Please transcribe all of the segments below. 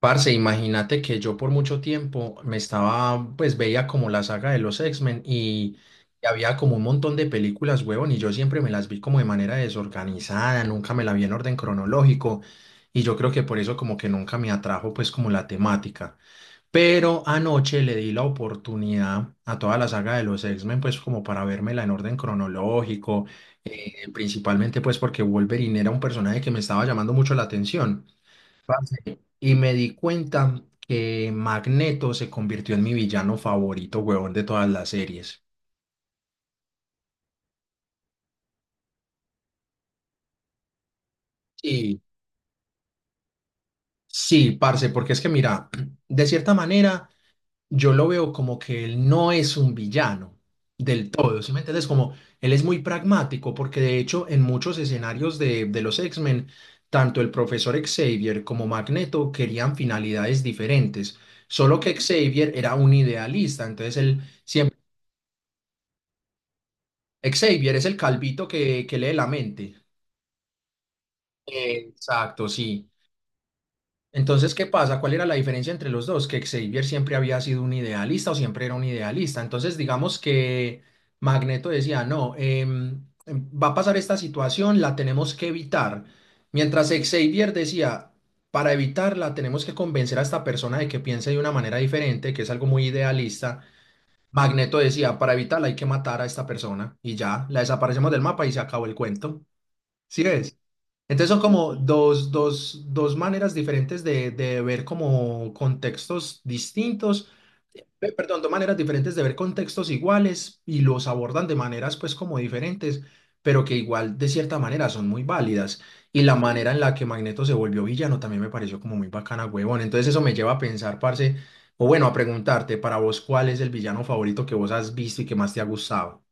Parce, imagínate que yo por mucho tiempo me estaba, pues veía como la saga de los X-Men y había como un montón de películas, huevón, y yo siempre me las vi como de manera desorganizada, nunca me la vi en orden cronológico y yo creo que por eso como que nunca me atrajo pues como la temática. Pero anoche le di la oportunidad a toda la saga de los X-Men, pues como para vérmela en orden cronológico, principalmente pues porque Wolverine era un personaje que me estaba llamando mucho la atención parce. Y me di cuenta que Magneto se convirtió en mi villano favorito, huevón, de todas las series. Sí, sí, parce, porque es que mira, de cierta manera, yo lo veo como que él no es un villano del todo, ¿sí me entiendes? Como él es muy pragmático, porque de hecho en muchos escenarios de los X-Men, tanto el profesor Xavier como Magneto querían finalidades diferentes, solo que Xavier era un idealista, entonces él siempre. Xavier es el calvito que lee la mente. Exacto, sí. Entonces, ¿qué pasa? ¿Cuál era la diferencia entre los dos? Que Xavier siempre había sido un idealista o siempre era un idealista. Entonces, digamos que Magneto decía, no, va a pasar esta situación, la tenemos que evitar. Mientras Xavier decía, para evitarla tenemos que convencer a esta persona de que piense de una manera diferente, que es algo muy idealista. Magneto decía, para evitarla hay que matar a esta persona y ya, la desaparecemos del mapa y se acabó el cuento. Sí ves. Entonces son como dos maneras diferentes de ver como contextos distintos, perdón, dos maneras diferentes de ver contextos iguales y los abordan de maneras pues como diferentes, pero que igual de cierta manera son muy válidas. Y la manera en la que Magneto se volvió villano también me pareció como muy bacana, huevón. Entonces eso me lleva a pensar, parce, o bueno, a preguntarte para vos cuál es el villano favorito que vos has visto y que más te ha gustado.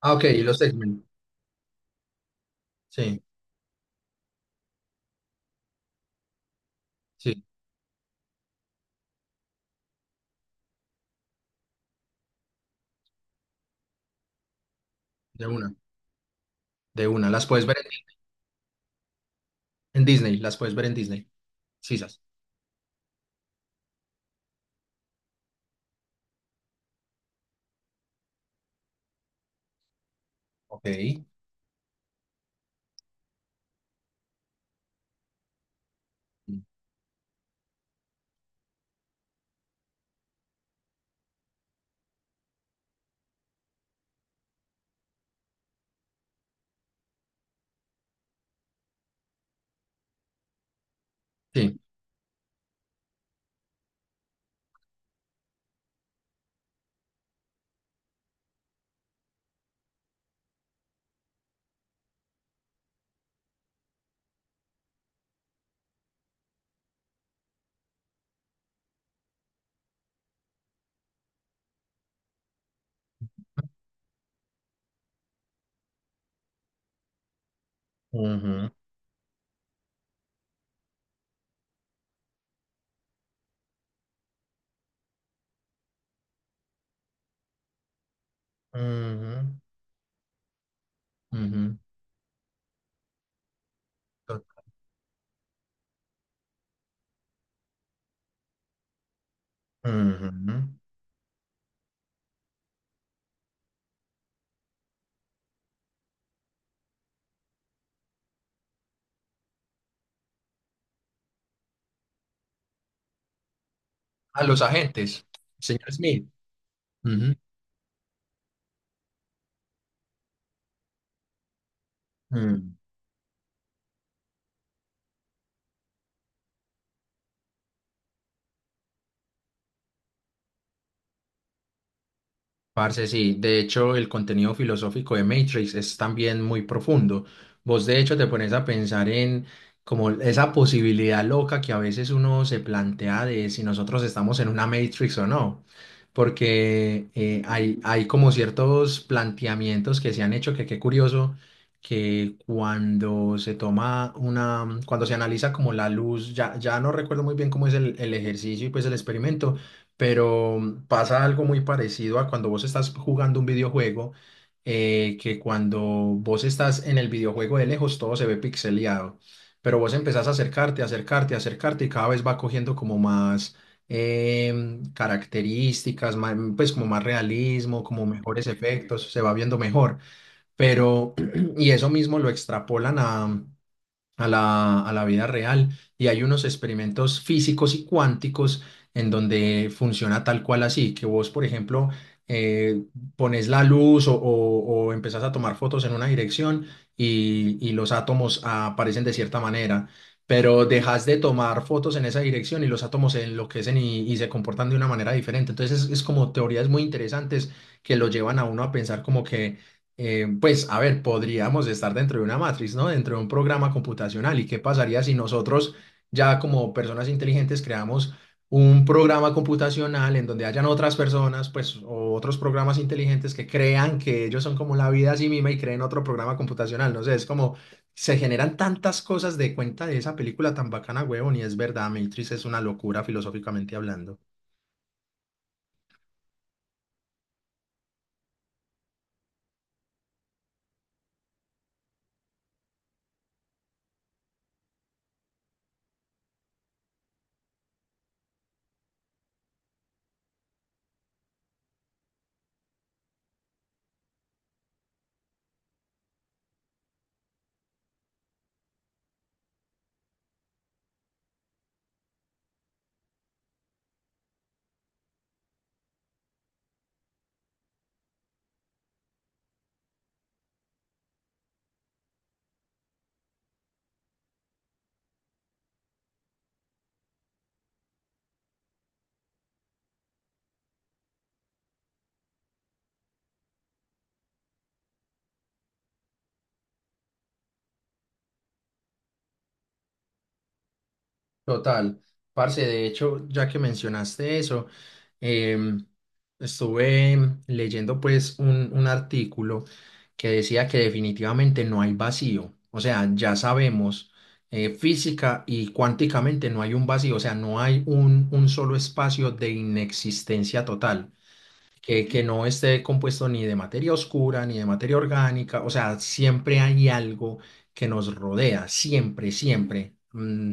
Ah, ok, y los X-Men. Sí, sí, de una. De una. Las puedes ver en Disney, las puedes ver en Disney. Sisas. Ok. Sí. Ujú, ujú, ujú, to- ujú. A los agentes, señor Smith. Ujú. Ujú. Parce, sí, de hecho el contenido filosófico de Matrix es también muy profundo. Vos de hecho te pones a pensar en como esa posibilidad loca que a veces uno se plantea de si nosotros estamos en una Matrix o no, porque hay como ciertos planteamientos que se han hecho que qué curioso que cuando se toma una, cuando se analiza como la luz, ya no recuerdo muy bien cómo es el ejercicio y pues el experimento pero pasa algo muy parecido a cuando vos estás jugando un videojuego, que cuando vos estás en el videojuego de lejos todo se ve pixeleado, pero vos empezás a acercarte, acercarte, acercarte y cada vez va cogiendo como más características, pues como más realismo, como mejores efectos, se va viendo mejor, pero y eso mismo lo extrapolan a a la vida real y hay unos experimentos físicos y cuánticos en donde funciona tal cual así, que vos, por ejemplo, eh, pones la luz o empezás a tomar fotos en una dirección y los átomos aparecen de cierta manera. Pero dejas de tomar fotos en esa dirección y los átomos se enloquecen y se comportan de una manera diferente. Entonces es como teorías muy interesantes que lo llevan a uno a pensar como que pues, a ver, podríamos estar dentro de una matriz, ¿no? Dentro de un programa computacional. ¿Y qué pasaría si nosotros, ya como personas inteligentes, creamos un programa computacional en donde hayan otras personas, pues, o otros programas inteligentes que crean que ellos son como la vida a sí misma y creen otro programa computacional? No sé, es como se generan tantas cosas de cuenta de esa película tan bacana, huevón, y es verdad, Matrix es una locura filosóficamente hablando. Total, parce, de hecho, ya que mencionaste eso, em, estuve leyendo pues un artículo que decía que definitivamente no hay vacío, o sea, ya sabemos física y cuánticamente no hay un vacío, o sea, no hay un solo espacio de inexistencia total que no esté compuesto ni de materia oscura, ni de materia orgánica, o sea, siempre hay algo que nos rodea, siempre, siempre,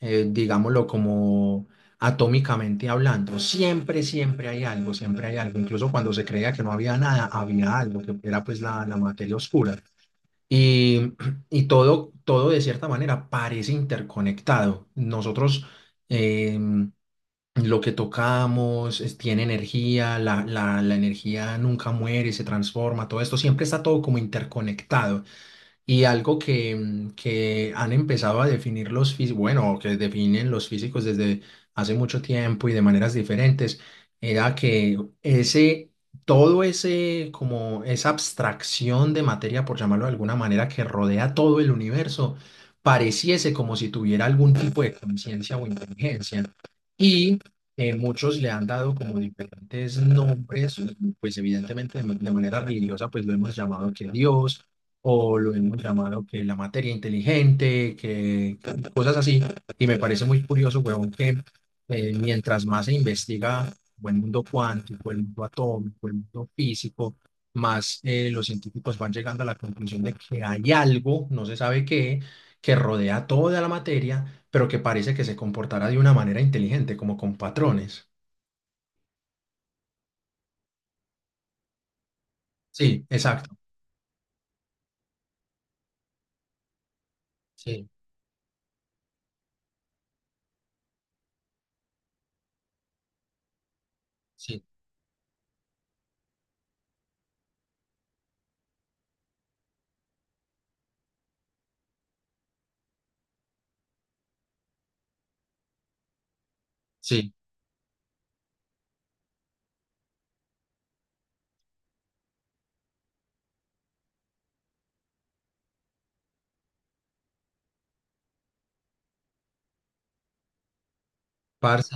digámoslo como atómicamente hablando, siempre, siempre hay algo, incluso cuando se creía que no había nada, había algo, que era pues la materia oscura. Y, y todo de cierta manera parece interconectado. Nosotros, em, lo que tocamos es- tiene energía, la energía nunca muere, se transforma, todo esto siempre está todo como interconectado. Y algo que, que han empezado a definir los físicos, bueno, que definen los físicos desde hace mucho tiempo y de maneras diferentes, era que ese todo ese, como esa abstracción de materia, por llamarlo de alguna manera, que rodea todo el universo, pareciese como si tuviera algún tipo de conciencia o inteligencia. Y muchos le han dado como diferentes nombres, pues evidentemente de, ma- de manera religiosa, pues lo hemos llamado que Dios, o lo hemos llamado que la materia inteligente, que cosas así. Y me parece muy curioso, huevón, que mientras más se investiga o el mundo cuántico, el mundo atómico, el mundo físico, más los científicos van llegando a la conclusión de que hay algo, no se sabe qué, que rodea toda la materia, pero que parece que se comportará de una manera inteligente, como con patrones. Sí, exacto. Sí, sí, sí, parce.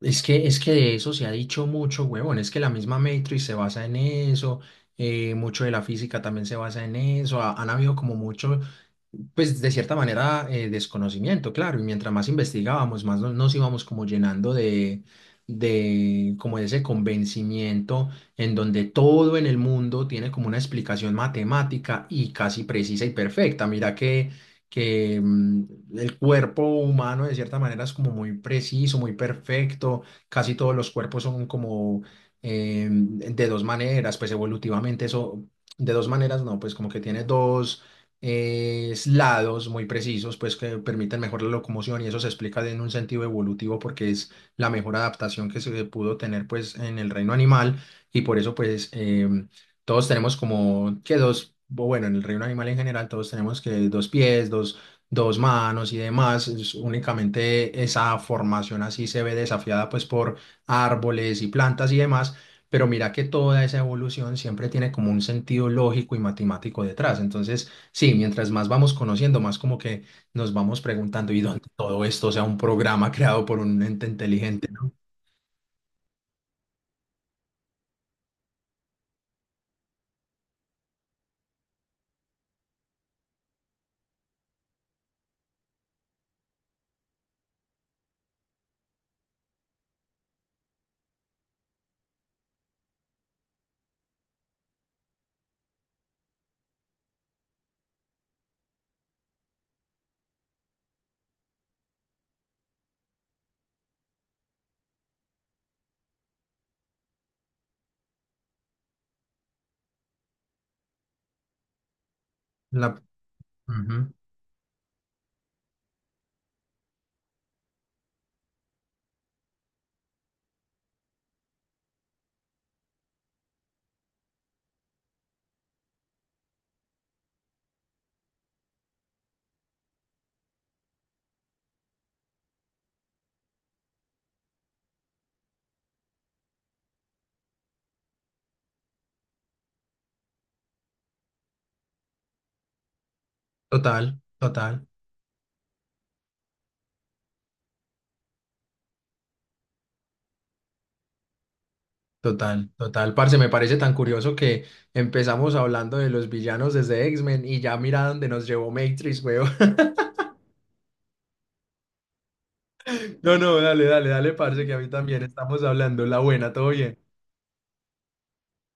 Es que de eso se ha dicho mucho, huevón. Es que la misma Matrix se basa en eso, mucho de la física también se basa en eso. Ha- han habido como mucho, pues de cierta manera, desconocimiento, claro. Y mientras más investigábamos, más no- nos íbamos como llenando como de ese convencimiento en donde todo en el mundo tiene como una explicación matemática y casi precisa y perfecta. Mira que que mm, el cuerpo humano de cierta manera es como muy preciso, muy perfecto, casi todos los cuerpos son como de dos maneras, pues evolutivamente eso, de dos maneras no, pues como que tiene dos lados muy precisos, pues que permiten mejor la locomoción y eso se explica en un sentido evolutivo porque es la mejor adaptación que se pudo tener pues en el reino animal y por eso pues... todos tenemos como que dos, o bueno, en el reino animal en general, todos tenemos que dos pies, dos manos y demás. Es únicamente esa formación así se ve desafiada pues por árboles y plantas y demás. Pero mira que toda esa evolución siempre tiene como un sentido lógico y matemático detrás. Entonces, sí, mientras más vamos conociendo, más como que nos vamos preguntando y donde todo esto sea un programa creado por un ente inteligente, ¿no? La- Ujú. Total, total. Total, total, parce, me parece tan curioso que empezamos hablando de los villanos desde X-Men y ya mira dónde nos llevó Matrix, weón. No, no, dale, dale, dale, parce, que a mí también estamos hablando. La buena, todo bien.